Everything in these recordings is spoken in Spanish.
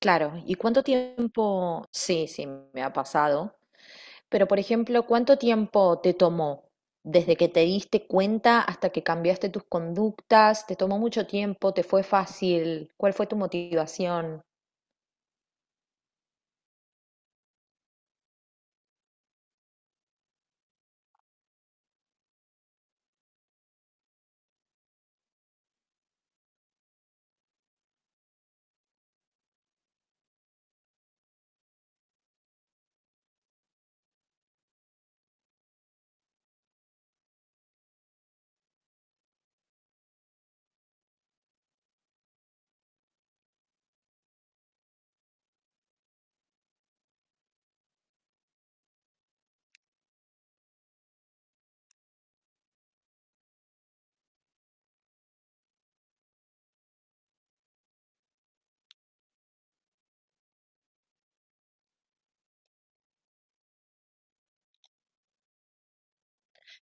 Claro, ¿y cuánto tiempo? Sí, sí, me ha pasado. Pero, por ejemplo, ¿cuánto tiempo te tomó desde que te diste cuenta hasta que cambiaste tus conductas? ¿Te tomó mucho tiempo? ¿Te fue fácil? ¿Cuál fue tu motivación?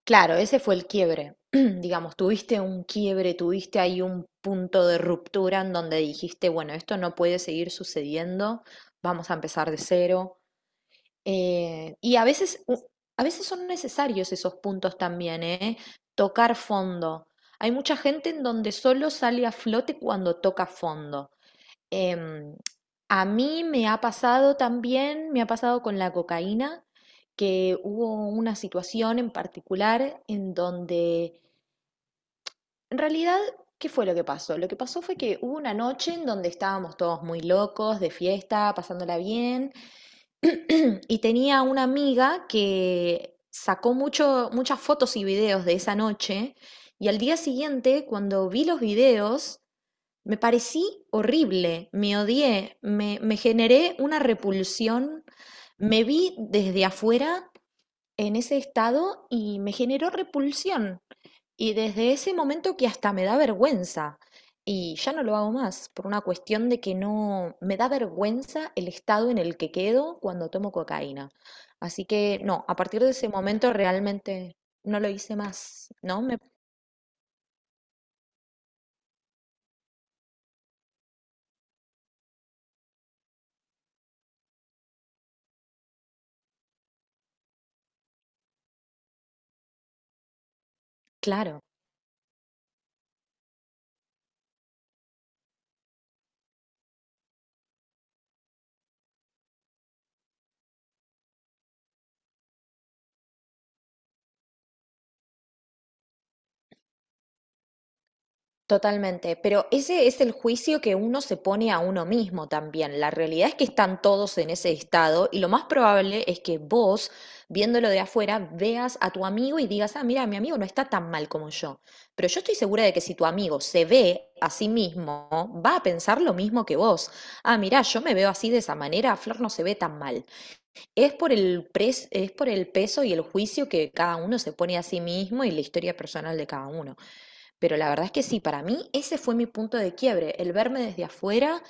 Claro, ese fue el quiebre. Digamos, tuviste un quiebre, tuviste ahí un punto de ruptura en donde dijiste, bueno, esto no puede seguir sucediendo, vamos a empezar de cero. Y a veces, a veces son necesarios esos puntos también, ¿eh? Tocar fondo. Hay mucha gente en donde solo sale a flote cuando toca fondo. Em, a mí me ha pasado también, me ha pasado con la cocaína, que hubo una situación en particular en donde, en realidad, ¿qué fue lo que pasó? Lo que pasó fue que hubo una noche en donde estábamos todos muy locos, de fiesta, pasándola bien. Y tenía una amiga que sacó mucho, muchas fotos y videos de esa noche y al día siguiente, cuando vi los videos, me parecí horrible, me odié, me generé una repulsión, me vi desde afuera en ese estado y me generó repulsión. Y desde ese momento que hasta me da vergüenza. Y ya no lo hago más, por una cuestión de que no me da vergüenza el estado en el que quedo cuando tomo cocaína. Así que no, a partir de ese momento realmente no lo hice más, ¿no? Me, claro. Totalmente, pero ese es el juicio que uno se pone a uno mismo también. La realidad es que están todos en ese estado y lo más probable es que vos, viéndolo de afuera, veas a tu amigo y digas, ah, mira, mi amigo no está tan mal como yo. Pero yo estoy segura de que si tu amigo se ve a sí mismo, va a pensar lo mismo que vos. Ah, mira, yo me veo así de esa manera, Flor no se ve tan mal. Es por el es por el peso y el juicio que cada uno se pone a sí mismo y la historia personal de cada uno. Pero la verdad es que sí, para mí ese fue mi punto de quiebre, el verme desde afuera,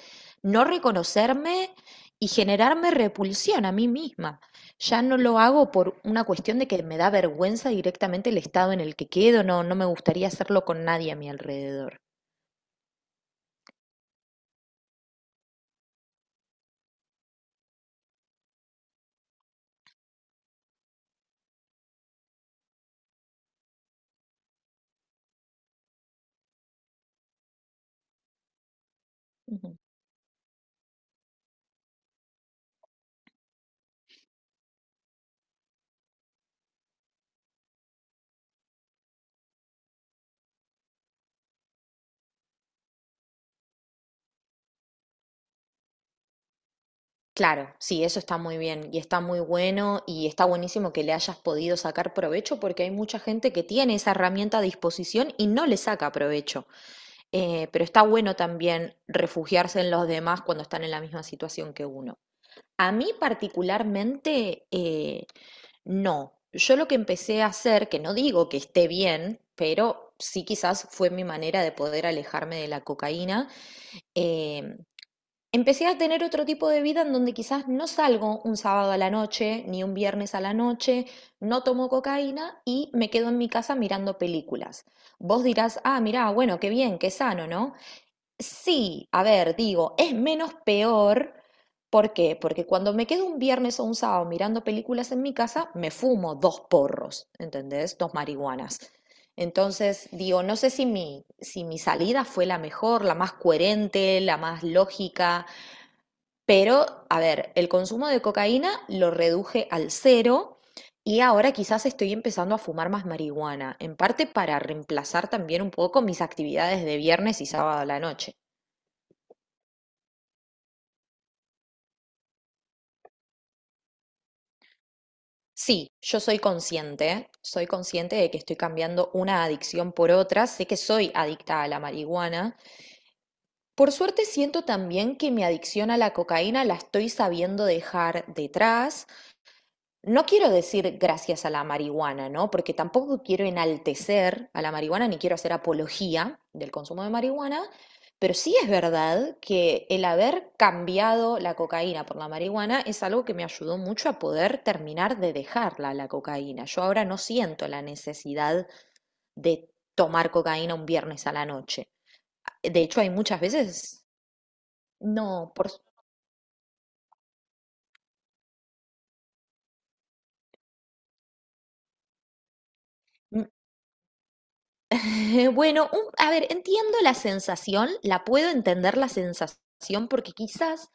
no reconocerme y generarme repulsión a mí misma. Ya no lo hago por una cuestión de que me da vergüenza directamente el estado en el que quedo, no, no me gustaría hacerlo con nadie a mi alrededor. Ujú. Claro, sí, eso está muy bien y está muy bueno y está buenísimo que le hayas podido sacar provecho porque hay mucha gente que tiene esa herramienta a disposición y no le saca provecho. Pero está bueno también refugiarse en los demás cuando están en la misma situación que uno. A mí particularmente, no. Yo lo que empecé a hacer, que no digo que esté bien, pero sí quizás fue mi manera de poder alejarme de la cocaína, eh, empecé a tener otro tipo de vida en donde quizás no salgo un sábado a la noche, ni un viernes a la noche, no tomo cocaína y me quedo en mi casa mirando películas. Vos dirás, ah, mirá, bueno, qué bien, qué sano, ¿no? Sí, a ver, digo, es menos peor. ¿Por qué? Porque cuando me quedo un viernes o un sábado mirando películas en mi casa, me fumo dos porros, ¿entendés? Dos marihuanas. Entonces, digo, no sé si mi salida fue la mejor, la más coherente, la más lógica, pero, a ver, el consumo de cocaína lo reduje al cero y ahora quizás estoy empezando a fumar más marihuana, en parte para reemplazar también un poco mis actividades de viernes y sábado a la noche. Sí, yo soy consciente de que estoy cambiando una adicción por otra, sé que soy adicta a la marihuana. Por suerte siento también que mi adicción a la cocaína la estoy sabiendo dejar detrás. No quiero decir gracias a la marihuana, ¿no? Porque tampoco quiero enaltecer a la marihuana ni quiero hacer apología del consumo de marihuana, pero sí es verdad que el haber cambiado la cocaína por la marihuana es algo que me ayudó mucho a poder terminar de dejarla, la cocaína. Yo ahora no siento la necesidad de tomar cocaína un viernes a la noche. De hecho, hay muchas veces, no, por, bueno, a ver, entiendo la sensación, la puedo entender la sensación porque quizás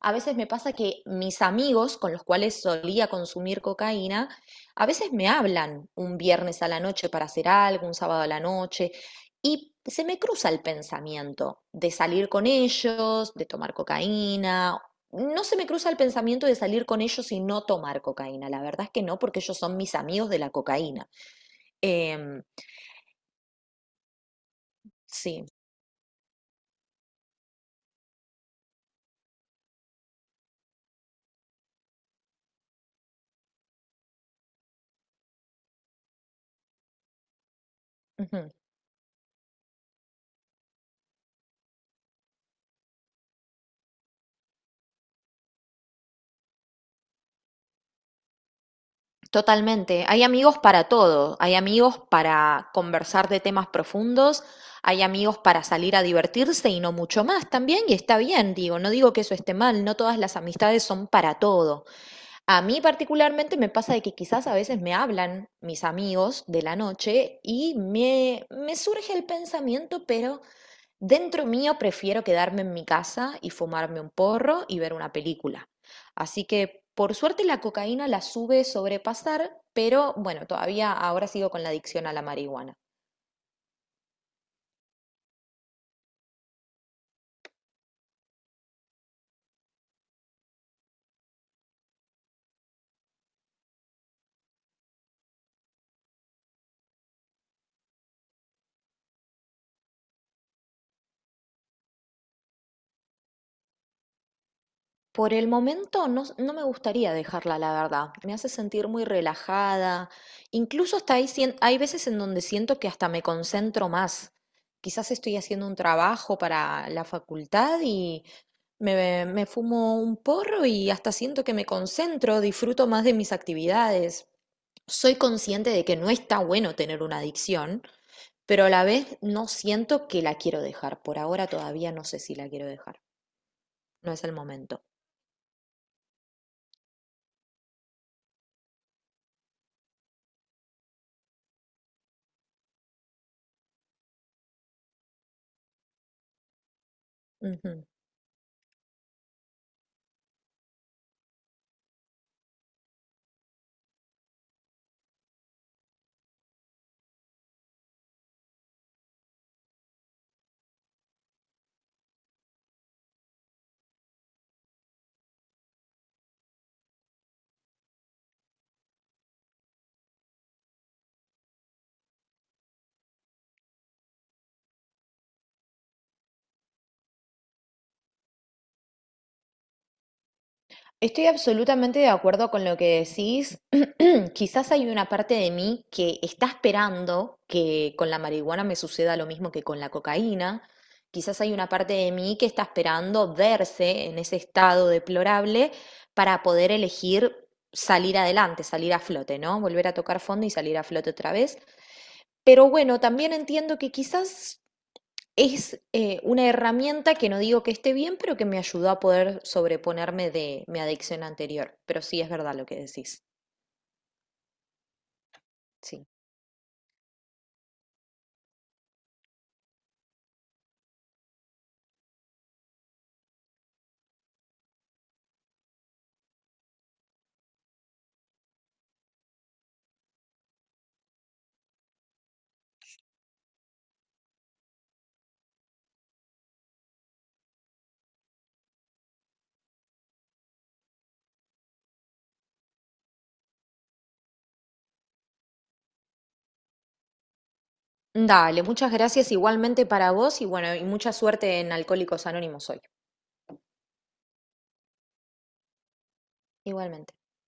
a veces me pasa que mis amigos con los cuales solía consumir cocaína, a veces me hablan un viernes a la noche para hacer algo, un sábado a la noche, y se me cruza el pensamiento de salir con ellos, de tomar cocaína. No se me cruza el pensamiento de salir con ellos y no tomar cocaína. La verdad es que no, porque ellos son mis amigos de la cocaína. Em, sí. Ujú. Totalmente. Hay amigos para todo. Hay amigos para conversar de temas profundos. Hay amigos para salir a divertirse y no mucho más también. Y está bien, digo, no digo que eso esté mal. No todas las amistades son para todo. A mí particularmente me pasa de que quizás a veces me hablan mis amigos de la noche y me surge el pensamiento, pero... Dentro mío prefiero quedarme en mi casa y fumarme un porro y ver una película. Así que por suerte la cocaína la sube sobrepasar, pero bueno, todavía ahora sigo con la adicción a la marihuana. Por el momento no, no me gustaría dejarla, la verdad. Me hace sentir muy relajada. Incluso hasta ahí hay veces en donde siento que hasta me concentro más. Quizás estoy haciendo un trabajo para la facultad y, me fumo un porro y hasta siento que me concentro, disfruto más de mis actividades. Soy consciente de que no está bueno tener una adicción, pero a la vez no siento que la quiero dejar. Por ahora todavía no sé si la quiero dejar. No es el momento. Ujú. Estoy absolutamente de acuerdo con lo que decís. Quizás hay una parte de mí que está esperando que con la marihuana me suceda lo mismo que con la cocaína. Quizás hay una parte de mí que está esperando verse en ese estado deplorable para poder elegir salir adelante, salir a flote, ¿no? Volver a tocar fondo y salir a flote otra vez. Pero bueno, también entiendo que quizás es una herramienta que no digo que esté bien, pero que me ayudó a poder sobreponerme de mi adicción anterior. Pero sí es verdad lo que decís. Sí. Dale, muchas gracias igualmente para vos y bueno, y mucha suerte en Alcohólicos Anónimos hoy. Igualmente.